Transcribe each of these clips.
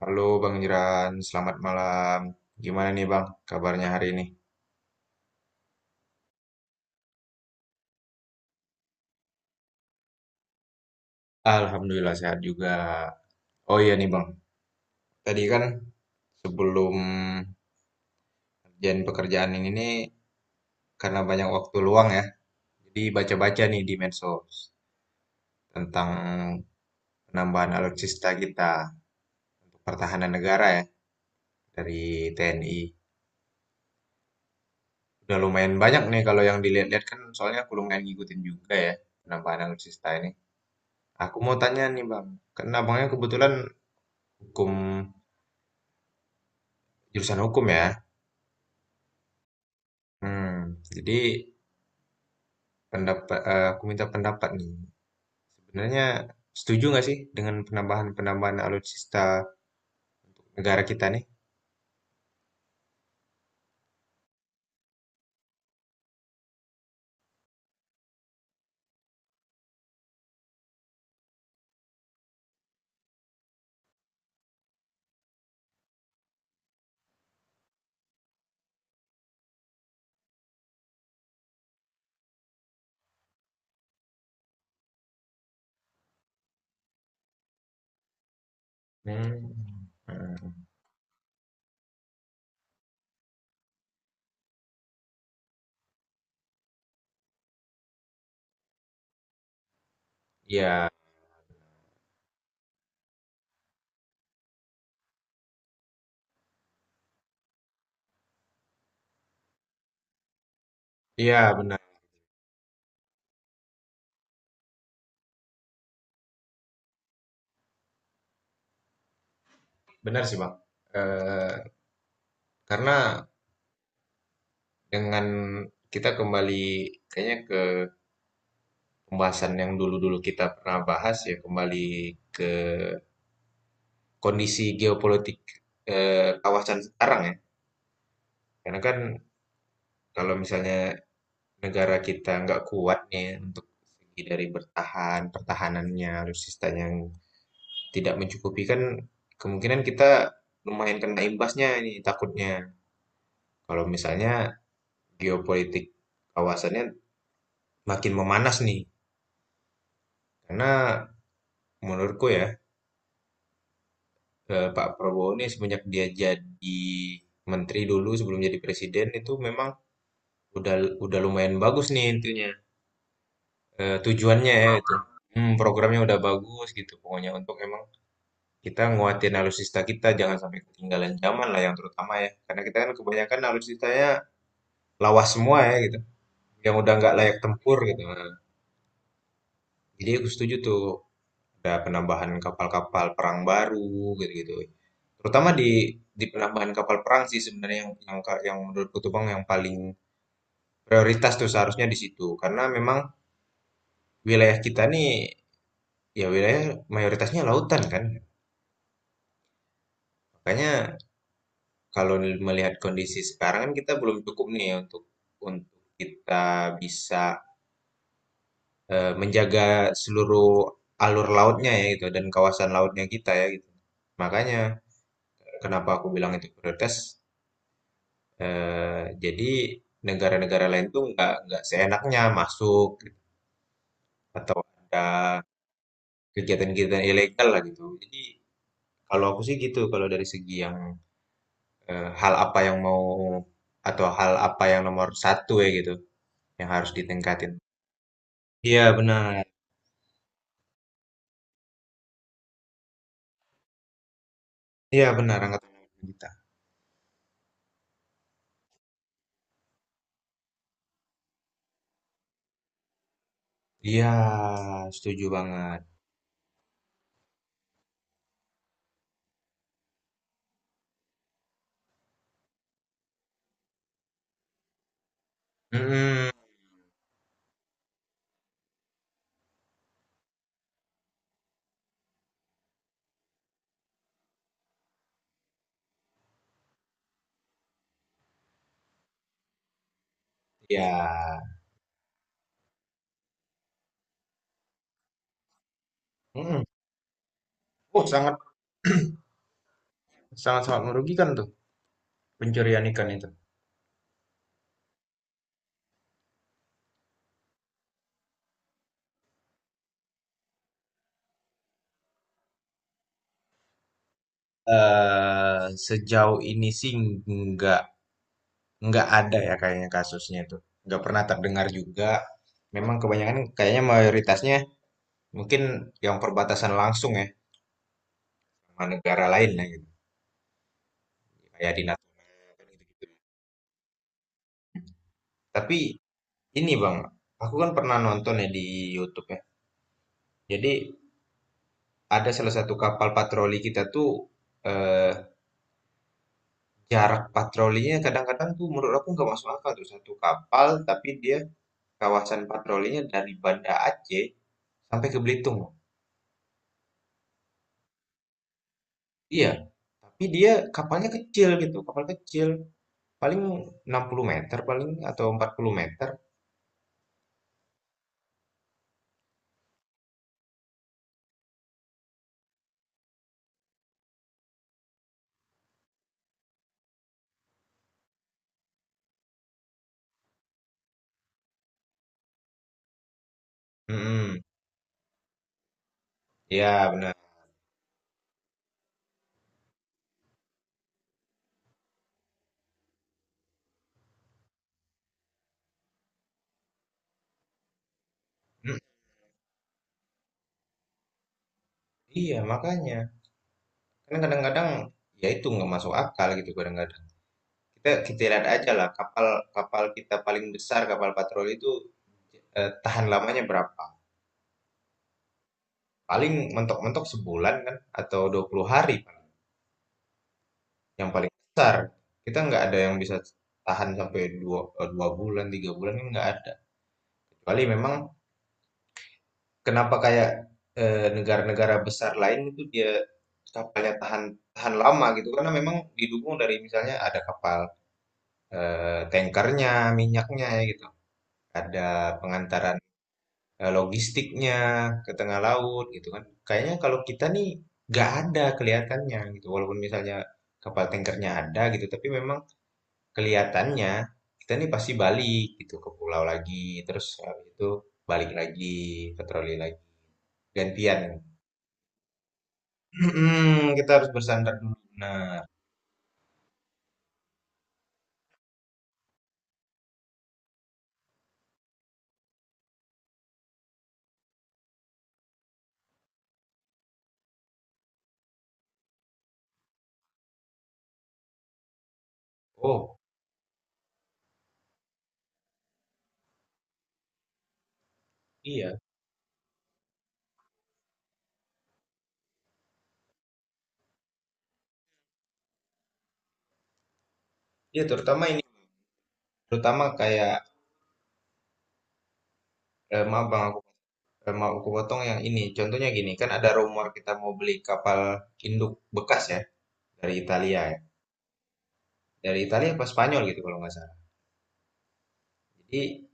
Halo Bang Jiran, selamat malam. Gimana nih Bang, kabarnya hari ini? Alhamdulillah sehat juga. Oh iya nih Bang, tadi kan sebelum pekerjaan ini nih karena banyak waktu luang ya, jadi baca-baca nih di medsos tentang penambahan alutsista kita untuk pertahanan negara ya dari TNI. Udah lumayan banyak nih kalau yang dilihat-lihat kan soalnya aku lumayan ngikutin juga ya penambahan alutsista ini. Aku mau tanya nih Bang, karena abangnya kebetulan hukum Jurusan hukum ya? Jadi aku minta pendapat nih. Sebenarnya setuju nggak sih dengan penambahan-penambahan alutsista negara kita nih? Hmm. Hmm. Iya, iya benar. Benar sih, Bang. Eh, karena dengan kita kembali kayaknya ke pembahasan yang dulu-dulu kita pernah bahas ya, kembali ke kondisi geopolitik kawasan sekarang ya. Karena kan kalau misalnya negara kita nggak kuat nih untuk segi dari bertahan, pertahanannya, alutsistanya yang tidak mencukupi kan kemungkinan kita lumayan kena imbasnya ini takutnya. Kalau misalnya geopolitik kawasannya makin memanas nih. Karena menurutku ya, Pak Prabowo ini semenjak dia jadi menteri dulu sebelum jadi presiden itu memang udah udah lumayan bagus nih intinya. Eh, tujuannya ya itu. Hmm, programnya udah bagus gitu pokoknya untuk emang kita nguatin alutsista kita, jangan sampai ketinggalan zaman lah yang terutama ya. Karena kita kan kebanyakan alutsistanya lawas semua ya gitu. Yang udah nggak layak tempur gitu. Nah, jadi aku setuju tuh ada penambahan kapal-kapal perang baru gitu-gitu. Terutama di penambahan kapal perang sih sebenarnya yang menurutku tuh Bang yang paling prioritas tuh seharusnya di situ. Karena memang wilayah kita nih ya wilayah mayoritasnya lautan kan. Makanya kalau melihat kondisi sekarang kan kita belum cukup nih ya untuk untuk kita bisa menjaga seluruh alur lautnya ya gitu dan kawasan lautnya kita ya gitu. Makanya kenapa aku bilang itu prioritas. Eh, jadi negara-negara lain tuh nggak seenaknya masuk gitu, atau ada kegiatan-kegiatan ilegal lah gitu. Jadi kalau aku sih gitu kalau dari segi yang hal apa yang mau atau hal apa yang nomor satu ya gitu yang harus ditingkatin. Iya benar, iya benar angkatan lawan kita. Iya, setuju banget. Mm, iya. Mm. Oh, sangat sangat sangat merugikan tuh pencurian ikan itu. Eh, sejauh ini sih nggak nggak ada ya kayaknya kasusnya itu. Nggak pernah terdengar juga. Memang kebanyakan kayaknya mayoritasnya mungkin yang perbatasan langsung ya sama negara lain lah gitu. Kayak di Natuna gitu-gitu. Tapi ini Bang, aku kan pernah nonton ya di YouTube ya. Jadi ada salah satu kapal patroli kita tuh eh, jarak patrolinya kadang-kadang tuh menurut aku nggak masuk akal tuh satu kapal tapi dia kawasan patrolinya dari Banda Aceh sampai ke Belitung loh. Iya, tapi dia kapalnya kecil gitu, kapal kecil paling 60 meter paling atau 40 meter. Hmm, ya benar. Mm, iya, makanya karena kadang-kadang ya itu nggak masuk akal gitu kadang-kadang. Kita kita lihat aja lah kapal kapal kita paling besar kapal patroli itu, tahan lamanya berapa? Paling mentok-mentok sebulan kan atau 20 hari kan, yang paling besar. Kita nggak ada yang bisa tahan sampai 2 bulan, 3 bulan kan nggak ada. Kecuali memang kenapa kayak, negara-negara besar lain itu dia kapalnya tahan tahan lama gitu, karena memang didukung dari misalnya ada kapal, tankernya, minyaknya ya gitu, ada pengantara logistiknya ke tengah laut gitu kan. Kayaknya kalau kita nih nggak ada kelihatannya gitu. Walaupun misalnya kapal tankernya ada gitu, tapi memang kelihatannya kita nih pasti balik gitu ke pulau lagi, terus habis itu balik lagi ke troli lagi, gantian. Kita harus bersandar dulu. Nah, oh iya, iya, terutama ini, terutama kayak, maaf bang, aku mau aku potong yang ini. Contohnya gini, kan ada rumor kita mau beli kapal induk bekas ya dari Italia, ya. Dari Italia apa Spanyol gitu kalau nggak salah. Jadi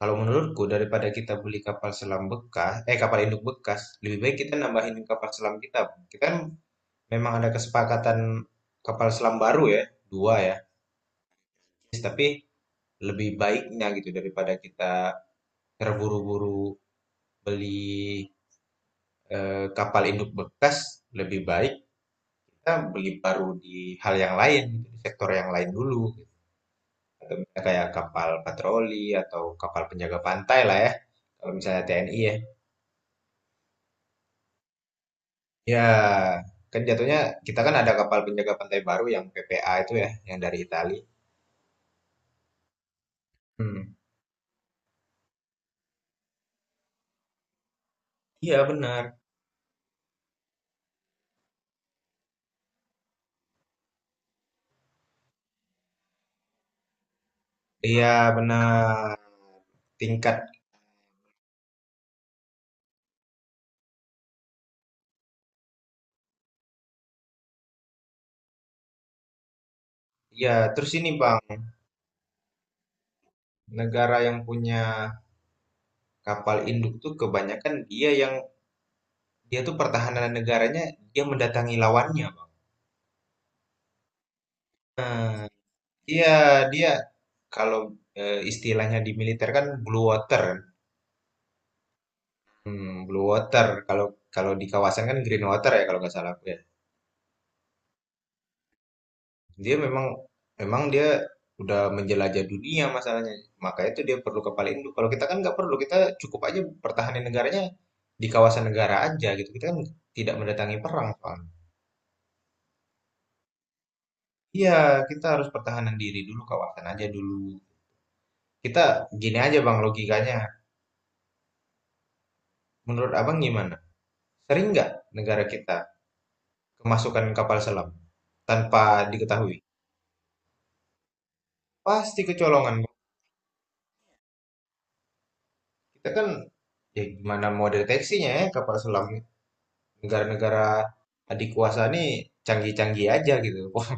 kalau menurutku daripada kita beli kapal selam bekas, kapal induk bekas, lebih baik kita nambahin kapal selam kita. Kita kan memang ada kesepakatan kapal selam baru ya, dua ya. Yes, tapi lebih baiknya gitu daripada kita terburu-buru beli kapal induk bekas, lebih baik kita beli baru di hal yang lain, gitu, di sektor yang lain dulu. Gitu. Kayak kapal patroli atau kapal penjaga pantai lah ya, kalau misalnya TNI ya. Ya, kan jatuhnya kita kan ada kapal penjaga pantai baru yang PPA itu ya, yang dari Itali. Hmm. Iya benar. Iya benar. Tingkat. Ya, terus ini Bang, negara yang punya kapal induk tuh kebanyakan dia tuh pertahanan negaranya dia mendatangi lawannya, Bang. Nah, iya dia kalau istilahnya di militer kan blue water. Blue water. Kalau kalau di kawasan kan green water ya kalau nggak salah aku. Dia memang Memang dia udah menjelajah dunia masalahnya. Makanya itu dia perlu kepala induk. Kalau kita kan nggak perlu, kita cukup aja pertahanin negaranya di kawasan negara aja gitu. Kita kan tidak mendatangi perang soalnya. Iya, kita harus pertahanan diri dulu, kawasan aja dulu. Kita gini aja bang logikanya. Menurut abang gimana? Sering nggak negara kita kemasukan kapal selam tanpa diketahui? Pasti kecolongan. Kita kan ya gimana mau deteksinya ya kapal selam negara-negara adik kuasa nih canggih-canggih aja gitu. Wah,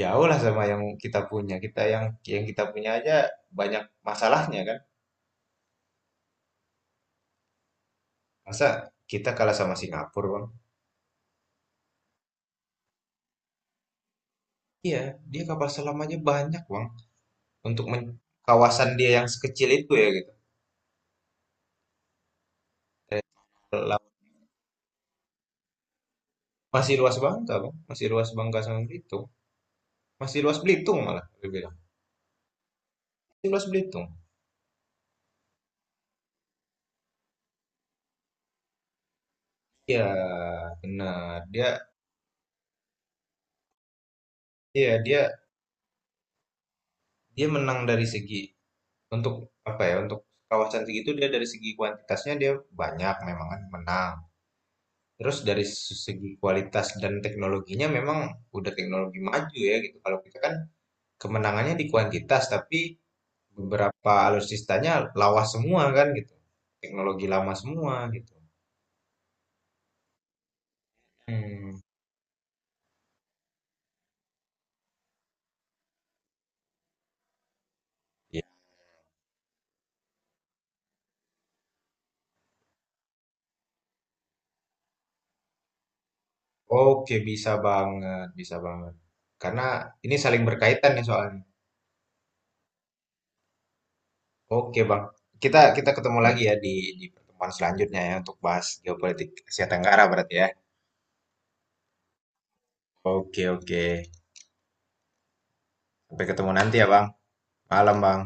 jauh lah sama yang kita punya. Kita yang kita punya aja banyak masalahnya kan. Masa kita kalah sama Singapura, Bang? Iya, dia kapal selam aja banyak, Bang. Untuk kawasan dia yang sekecil itu ya gitu. Eh, la- Masih luas Bangka, Bang. Masih luas Bangka sama Belitung. Masih luas Belitung malah, dia bilang. Masih luas Belitung. Iya, benar. Dia, iya, dia dia menang dari segi, untuk apa ya, untuk kawasan segitu dia dari segi kuantitasnya dia banyak memang kan menang. Terus dari segi kualitas dan teknologinya memang udah teknologi maju ya gitu. Kalau kita kan kemenangannya di kuantitas tapi beberapa alutsistanya lawas semua kan gitu. Teknologi lama semua gitu. Hmm. Ya. Oke, bisa banget, bisa banget. Karena ini saling berkaitan ya soalnya. Oke Bang, kita kita ketemu lagi ya di pertemuan selanjutnya ya untuk bahas geopolitik Asia Tenggara berarti ya. Oke oke, sampai ketemu nanti ya Bang. Malam Bang.